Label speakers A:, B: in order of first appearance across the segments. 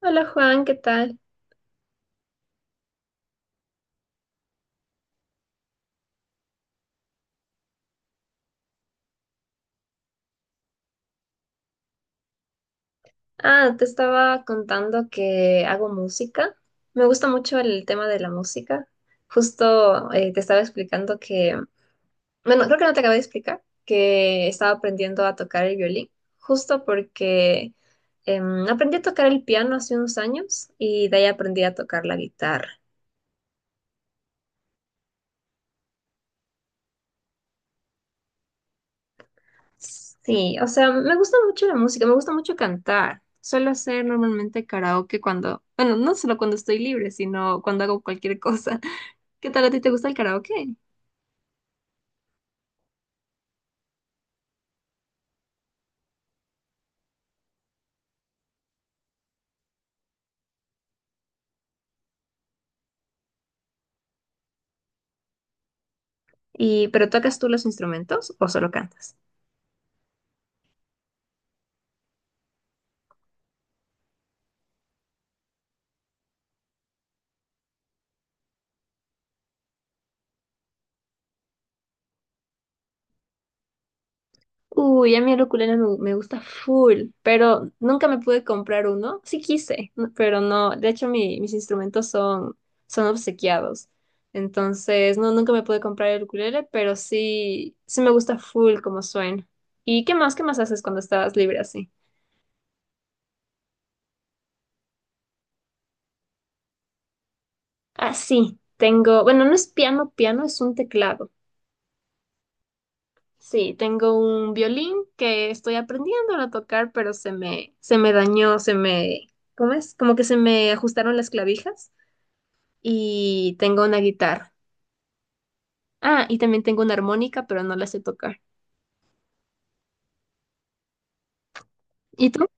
A: Hola Juan, ¿qué tal? Ah, te estaba contando que hago música. Me gusta mucho el tema de la música. Justo te estaba explicando que, bueno, creo que no te acabé de explicar, que estaba aprendiendo a tocar el violín, justo porque aprendí a tocar el piano hace unos años y de ahí aprendí a tocar la guitarra. Sí, o sea, me gusta mucho la música, me gusta mucho cantar. Suelo hacer normalmente karaoke cuando, bueno, no solo cuando estoy libre, sino cuando hago cualquier cosa. ¿Qué tal a ti te gusta el karaoke? Y ¿pero tocas tú los instrumentos o solo cantas? Uy, a mí el ukulele me gusta full, pero nunca me pude comprar uno. Sí quise, pero no. De hecho, mis instrumentos son, son obsequiados. Entonces, no, nunca me pude comprar el ukulele, pero sí, sí me gusta full como suena. ¿Y qué más? ¿Qué más haces cuando estás libre así? Ah, sí, tengo, bueno, no es piano, piano es un teclado. Sí, tengo un violín que estoy aprendiendo a tocar, pero se me dañó, se me, ¿cómo es? Como que se me ajustaron las clavijas y tengo una guitarra. Ah, y también tengo una armónica, pero no la sé tocar. ¿Y tú?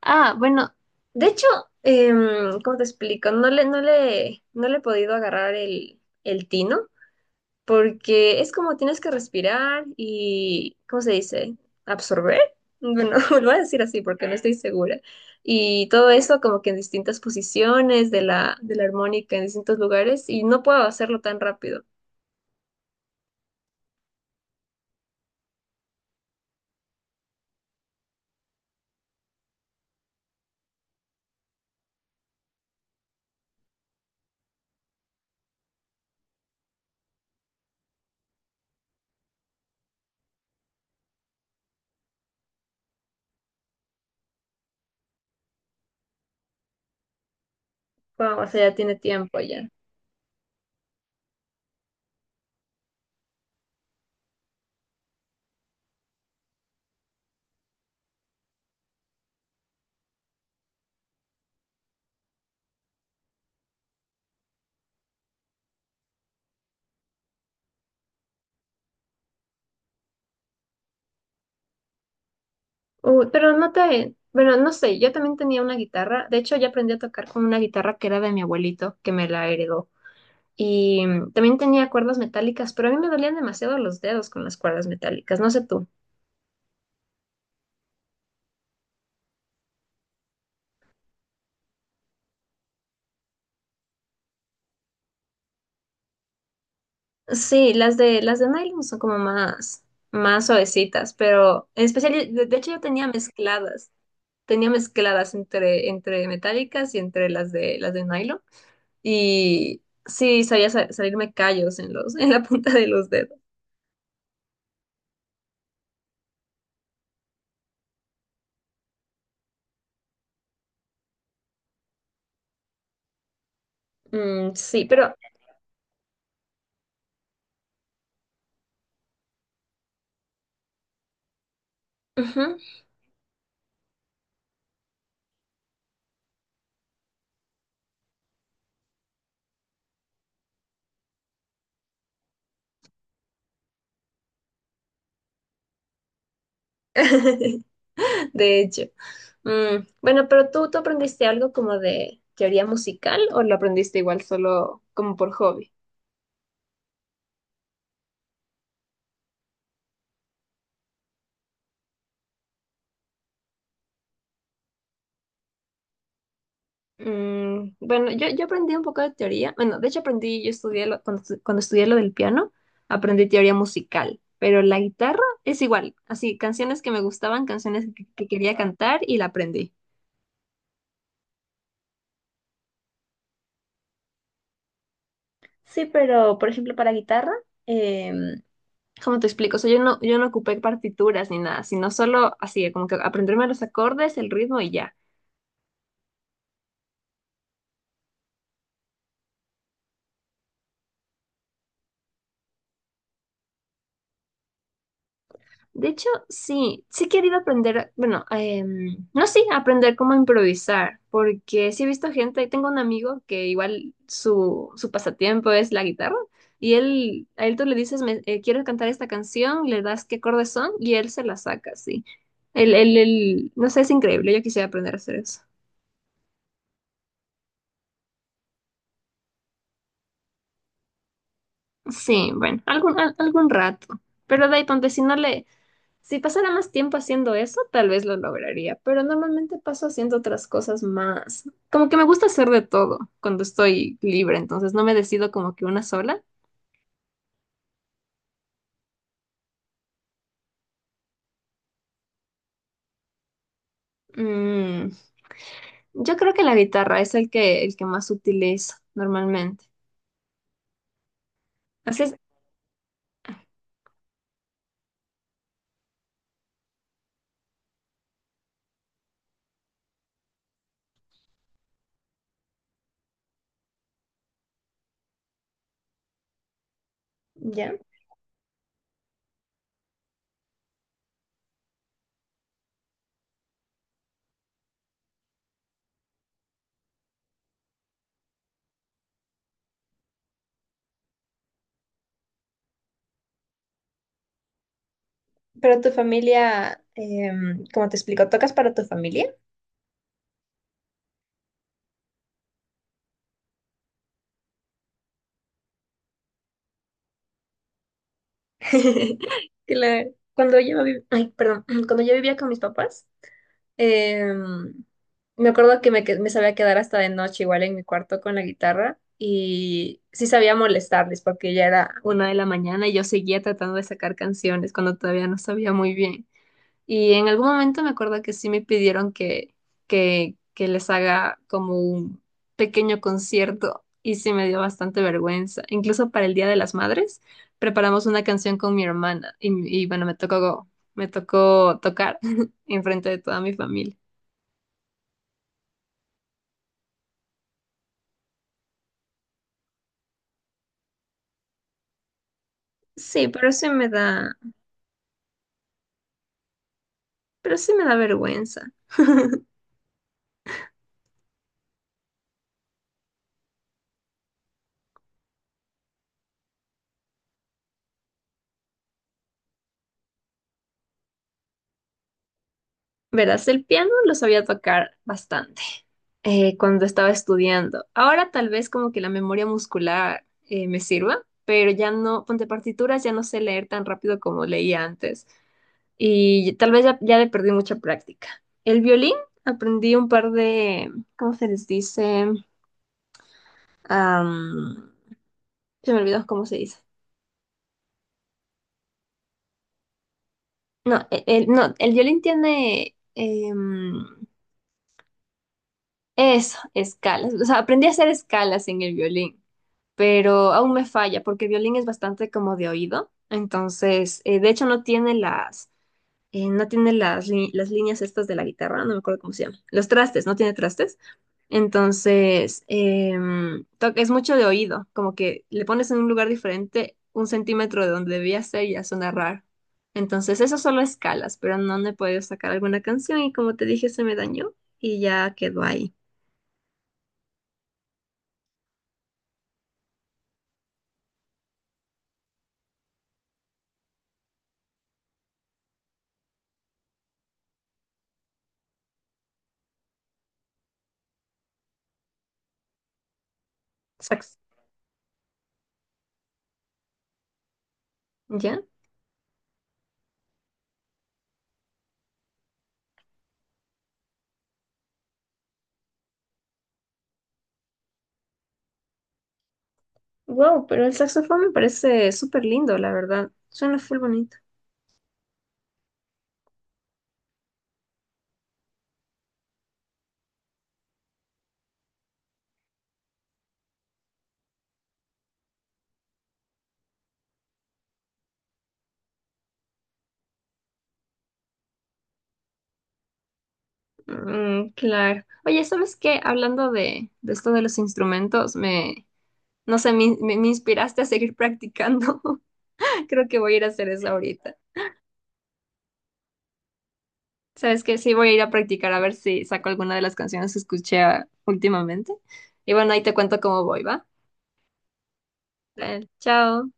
A: Ah, bueno, de hecho, ¿cómo te explico? No le he podido agarrar el tino, porque es como tienes que respirar y, ¿cómo se dice? Absorber. Bueno, lo voy a decir así porque no estoy segura. Y todo eso como que en distintas posiciones de de la armónica, en distintos lugares, y no puedo hacerlo tan rápido. Wow, o sea, ya tiene tiempo ya. Pero no te, bueno, no sé, yo también tenía una guitarra. De hecho, ya aprendí a tocar con una guitarra que era de mi abuelito, que me la heredó. Y también tenía cuerdas metálicas, pero a mí me dolían demasiado los dedos con las cuerdas metálicas. No sé tú. Sí, las de nylon son como más, más suavecitas, pero en especial, de hecho yo tenía mezcladas entre, entre metálicas y entre las de nylon. Y sí, sabía salirme callos en los, en la punta de los dedos. Mm, sí, pero ujú. De hecho. Mm, bueno, pero tú, ¿tú aprendiste algo como de teoría musical o lo aprendiste igual solo como por hobby? Mm, bueno, yo aprendí un poco de teoría. Bueno, de hecho aprendí, yo estudié cuando estudié lo del piano, aprendí teoría musical, pero la guitarra es igual, así, canciones que me gustaban, canciones que quería cantar y la aprendí. Sí, pero por ejemplo para guitarra, em, ¿cómo te explico? O sea, yo no ocupé partituras ni nada, sino solo así, como que aprenderme los acordes, el ritmo y ya. De hecho, sí, sí he querido aprender, bueno, em, no sí, aprender cómo improvisar, porque sí he visto gente, tengo un amigo que igual su pasatiempo es la guitarra, y él, a él tú le dices, quiero cantar esta canción, le das qué acordes son, y él se la saca, sí. No sé, es increíble, yo quisiera aprender a hacer eso. Sí, bueno, algún rato. Pero de ahí ponte, si no le, si pasara más tiempo haciendo eso, tal vez lo lograría, pero normalmente paso haciendo otras cosas más. Como que me gusta hacer de todo cuando estoy libre, entonces no me decido como que una sola. Mm, yo creo que la guitarra es el que más utilizo normalmente. Así es. Ya. Pero tu familia, como te explico, ¿tocas para tu familia? que la- Cuando yo vivía, ay, perdón, cuando yo vivía con mis papás, Em, me acuerdo que me sabía quedar hasta de noche igual en mi cuarto con la guitarra y sí sabía molestarles porque ya era una de la mañana y yo seguía tratando de sacar canciones cuando todavía no sabía muy bien. Y en algún momento me acuerdo que sí me pidieron que les haga como un pequeño concierto y sí me dio bastante vergüenza. Incluso para el Día de las Madres preparamos una canción con mi hermana y bueno, me tocó tocar enfrente de toda mi familia. Sí, pero sí me da, pero sí me da vergüenza. Verás, el piano lo sabía tocar bastante cuando estaba estudiando. Ahora tal vez como que la memoria muscular me sirva, pero ya no, ponte partituras, ya no sé leer tan rápido como leía antes y tal vez ya, ya le perdí mucha práctica. El violín aprendí un par de, ¿cómo se les dice? Am, Se me olvidó cómo se dice. No, no, el violín tiene... Eso, escalas. O sea, aprendí a hacer escalas en el violín, pero aún me falla porque el violín es bastante como de oído. Entonces, de hecho, no tiene no tiene las líneas estas de la guitarra, no me acuerdo cómo se llama. Los trastes, no tiene trastes. Entonces, es mucho de oído, como que le pones en un lugar diferente un centímetro de donde debía ser y ya suena raro. Entonces, eso solo escalas, pero no me he podido sacar alguna canción y como te dije, se me dañó y ya quedó ahí. ¿Ya? Wow, pero el saxofón me parece súper lindo, la verdad. Suena full bonito. Mm, claro. Oye, ¿sabes qué? Hablando de esto de los instrumentos, me, no sé, me- me inspiraste a seguir practicando. Creo que voy a ir a hacer eso ahorita. ¿Sabes qué? Sí, voy a ir a practicar a ver si saco alguna de las canciones que escuché últimamente. Y bueno, ahí te cuento cómo voy, ¿va? Dale, chao.